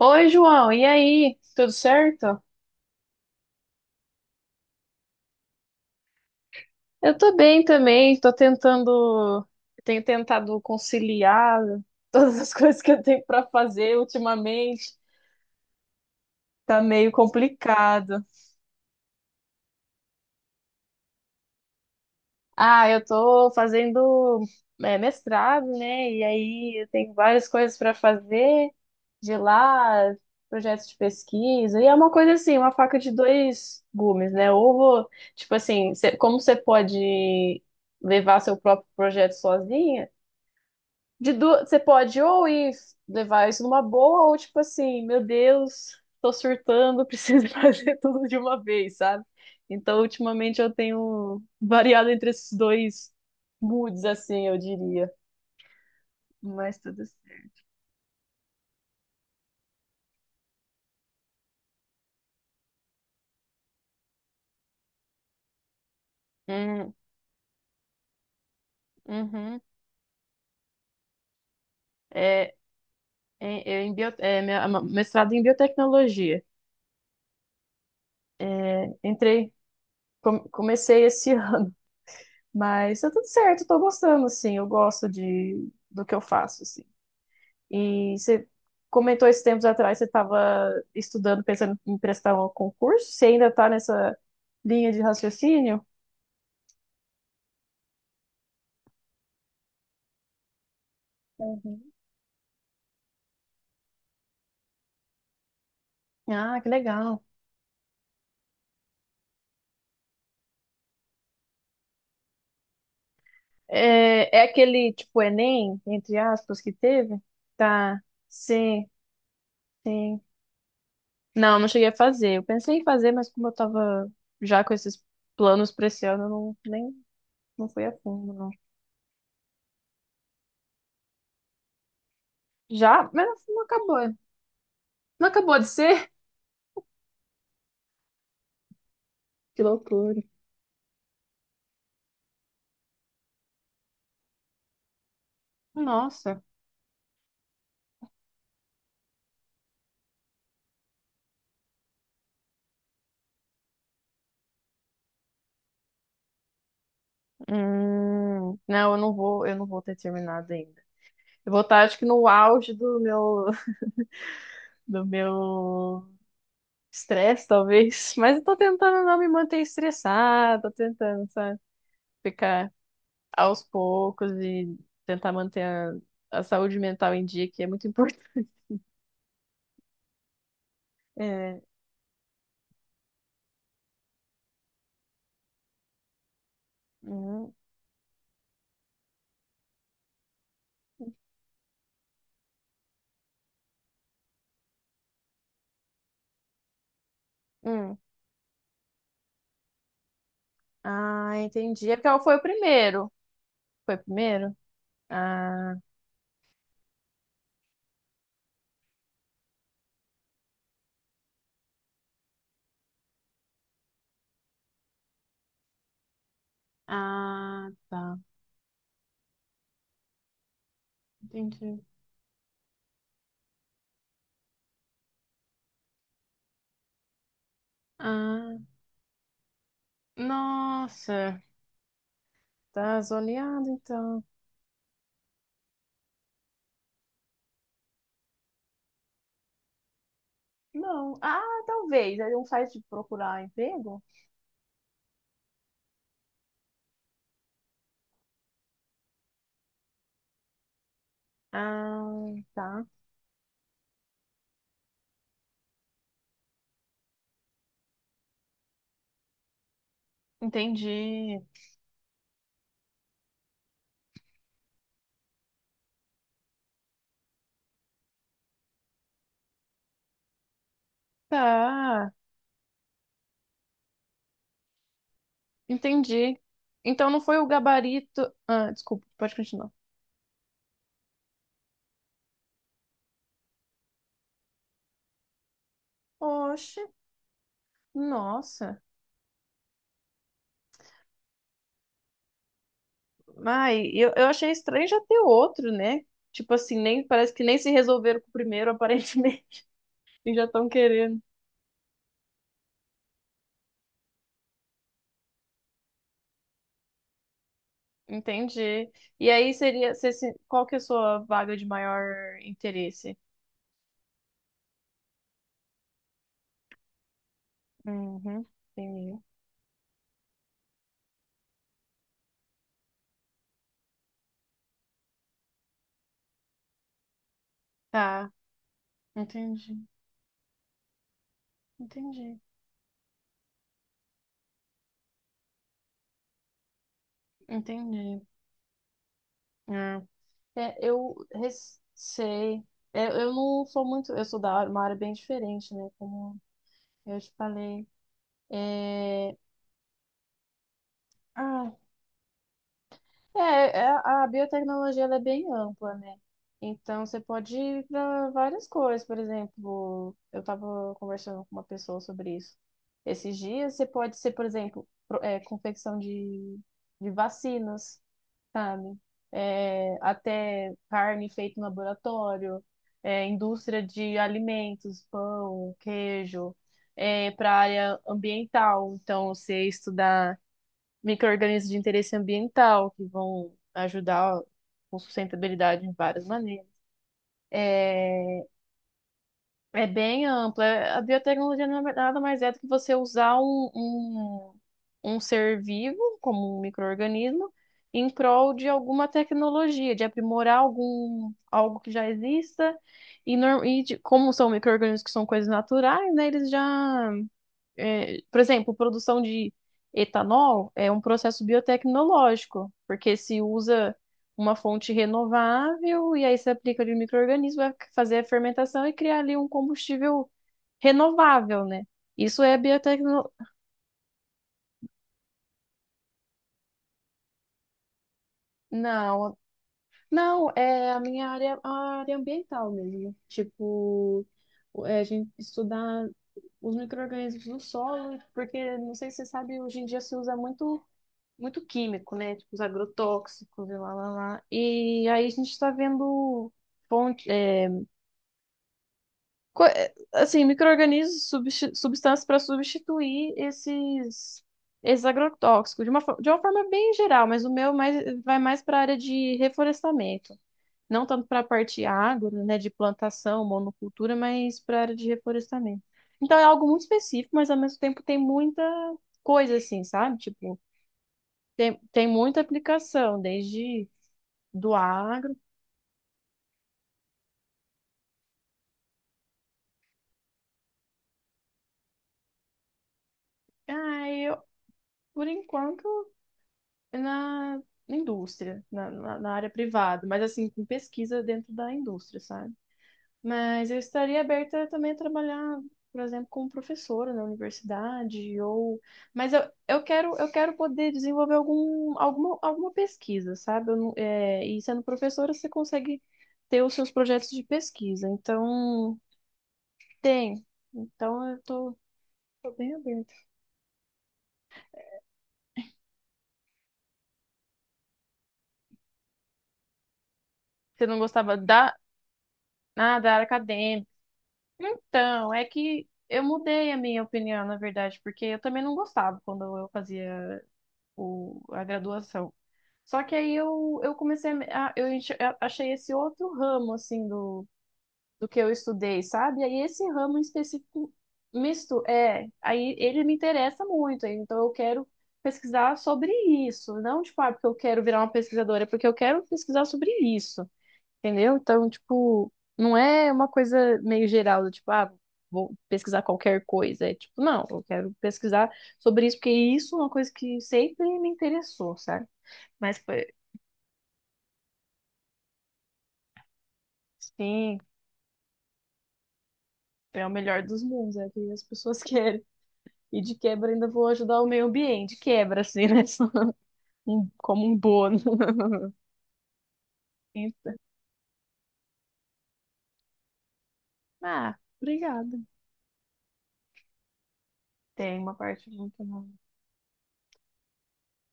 Oi, João, e aí? Tudo certo? Eu tô bem também, tenho tentado conciliar todas as coisas que eu tenho pra fazer ultimamente. Tá meio complicado. Eu tô fazendo mestrado, né? E aí eu tenho várias coisas para fazer de lá, projetos de pesquisa. E é uma coisa assim, uma faca de dois gumes, né? Ou vou, tipo assim, cê- Como você pode levar seu próprio projeto sozinha, Você pode ou ir levar isso numa boa, ou tipo assim, meu Deus, tô surtando, preciso fazer tudo de uma vez, sabe? Então, ultimamente eu tenho variado entre esses dois moods, assim, eu diria. Mas tudo certo. Hum, uhum. É, em- eu em bio- é, minha- ma- Mestrado em biotecnologia. Entrei, Comecei esse ano, mas tá tudo certo, tô gostando, assim, eu gosto de, do que eu faço, assim. E você comentou esses tempos atrás, você estava estudando, pensando em prestar um concurso? Você ainda está nessa linha de raciocínio? Uhum. Ah, que legal. É, é aquele tipo Enem, entre aspas, que teve? Tá, sim, sim. Não, não cheguei a fazer. Eu pensei em fazer, mas como eu tava já com esses planos pra esse ano, eu não, nem não fui a fundo, não. Já? Mas não acabou. Não acabou de ser? Que loucura. Nossa. Não, eu não vou ter terminado ainda. Eu vou estar, acho que no auge do meu, do meu estresse, talvez. Mas eu tô tentando não me manter estressada, tô tentando, sabe, ficar aos poucos e tentar manter a saúde mental em dia, que é muito importante. É, hum, hum. Ah, entendi. É porque ela foi o primeiro. Foi o primeiro? Ah, ah, tá. Entendi. Ah, nossa. Tá zoneado, então. Não. Ah, talvez. É um site de procurar emprego? Ah, tá. Entendi. Tá. Entendi. Então não foi o gabarito. Ah, desculpa, pode continuar. Oxe. Nossa. Ai, eu achei estranho já ter outro, né? Tipo assim, nem parece que nem se resolveram com o primeiro, aparentemente. E já estão querendo. Entendi. E aí seria, qual que é a sua vaga de maior interesse? Uhum. Entendi. Tá, entendi, entendi, entendi. É, Sei, É, eu não sou muito, eu sou uma área bem diferente, né? Como eu te falei. É, ah, é, a biotecnologia ela é bem ampla, né? Então você pode ir para várias coisas, por exemplo, eu estava conversando com uma pessoa sobre isso. Esses dias você pode ser, por exemplo, confecção de vacinas. Sabe? É, até carne feita em laboratório, é, indústria de alimentos, pão, queijo, para a área ambiental. Então, você estudar micro-organismos de interesse ambiental, que vão ajudar com sustentabilidade em várias maneiras. É, é bem ampla. A biotecnologia não é nada mais é do que você usar um, um ser vivo, como um micro-organismo, em prol de alguma tecnologia, de aprimorar algum, algo que já exista. E, como são micro-organismos que são coisas naturais, né, por exemplo, produção de etanol é um processo biotecnológico, porque se usa uma fonte renovável e aí se aplica de um micro-organismo, vai fazer a fermentação e criar ali um combustível renovável, né? Isso é biotecno... Não, não, é a minha área, a área ambiental mesmo. Tipo, é a gente estudar os micro-organismos do solo, porque não sei se você sabe, hoje em dia se usa muito químico, né? Tipo, os agrotóxicos e lá, lá, lá. E aí a gente está vendo fonte, é, co- é, assim, micro-organismos, substâncias para substituir esses, esses agrotóxicos, de de uma forma bem geral, mas o meu mais, vai mais para a área de reflorestamento. Não tanto para a parte agro, né, de plantação, monocultura, mas para a área de reflorestamento. Então é algo muito específico, mas ao mesmo tempo tem muita coisa assim, sabe? Tipo, tem, tem muita aplicação, desde do agro. Ah, eu, por enquanto, na indústria, na área privada, mas assim, com pesquisa dentro da indústria, sabe? Mas eu estaria aberta também a trabalhar, por exemplo, como professora na universidade, ou. Mas eu quero poder desenvolver alguma pesquisa, sabe? Eu não- é, E sendo professora, você consegue ter os seus projetos de pesquisa. Então, tem. Então, tô bem aberta. Você não gostava da, ah, da área acadêmica? Então, é que eu mudei a minha opinião, na verdade, porque eu também não gostava quando eu fazia o, a graduação. Só que aí eu comecei a, eu enche- a- achei esse outro ramo, assim, do, do que eu estudei, sabe? Aí esse ramo em específico, misto, é, aí ele me interessa muito, aí então eu quero pesquisar sobre isso, não, tipo, ah, porque eu quero virar uma pesquisadora, é porque eu quero pesquisar sobre isso. Entendeu? Então, tipo, não é uma coisa meio geral, do tipo, ah, vou pesquisar qualquer coisa. É tipo, não, eu quero pesquisar sobre isso, porque isso é uma coisa que sempre me interessou, sabe? Mas, pô, sim, é o melhor dos mundos, é o que as pessoas querem. E de quebra ainda vou ajudar o meio ambiente, de quebra, assim, né? Como um bônus. Então, Ah, obrigada. Tem uma parte muito boa.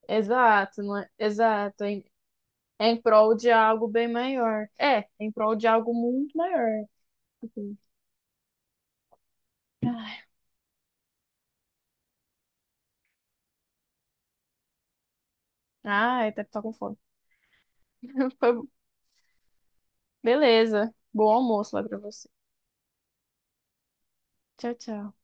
Exato, não é? Exato. Em prol de algo bem maior. É, em prol de algo muito maior. Assim. Ai, ai, até que tô com fome. Foi- Beleza. Bom almoço lá pra você. Tchau, tchau.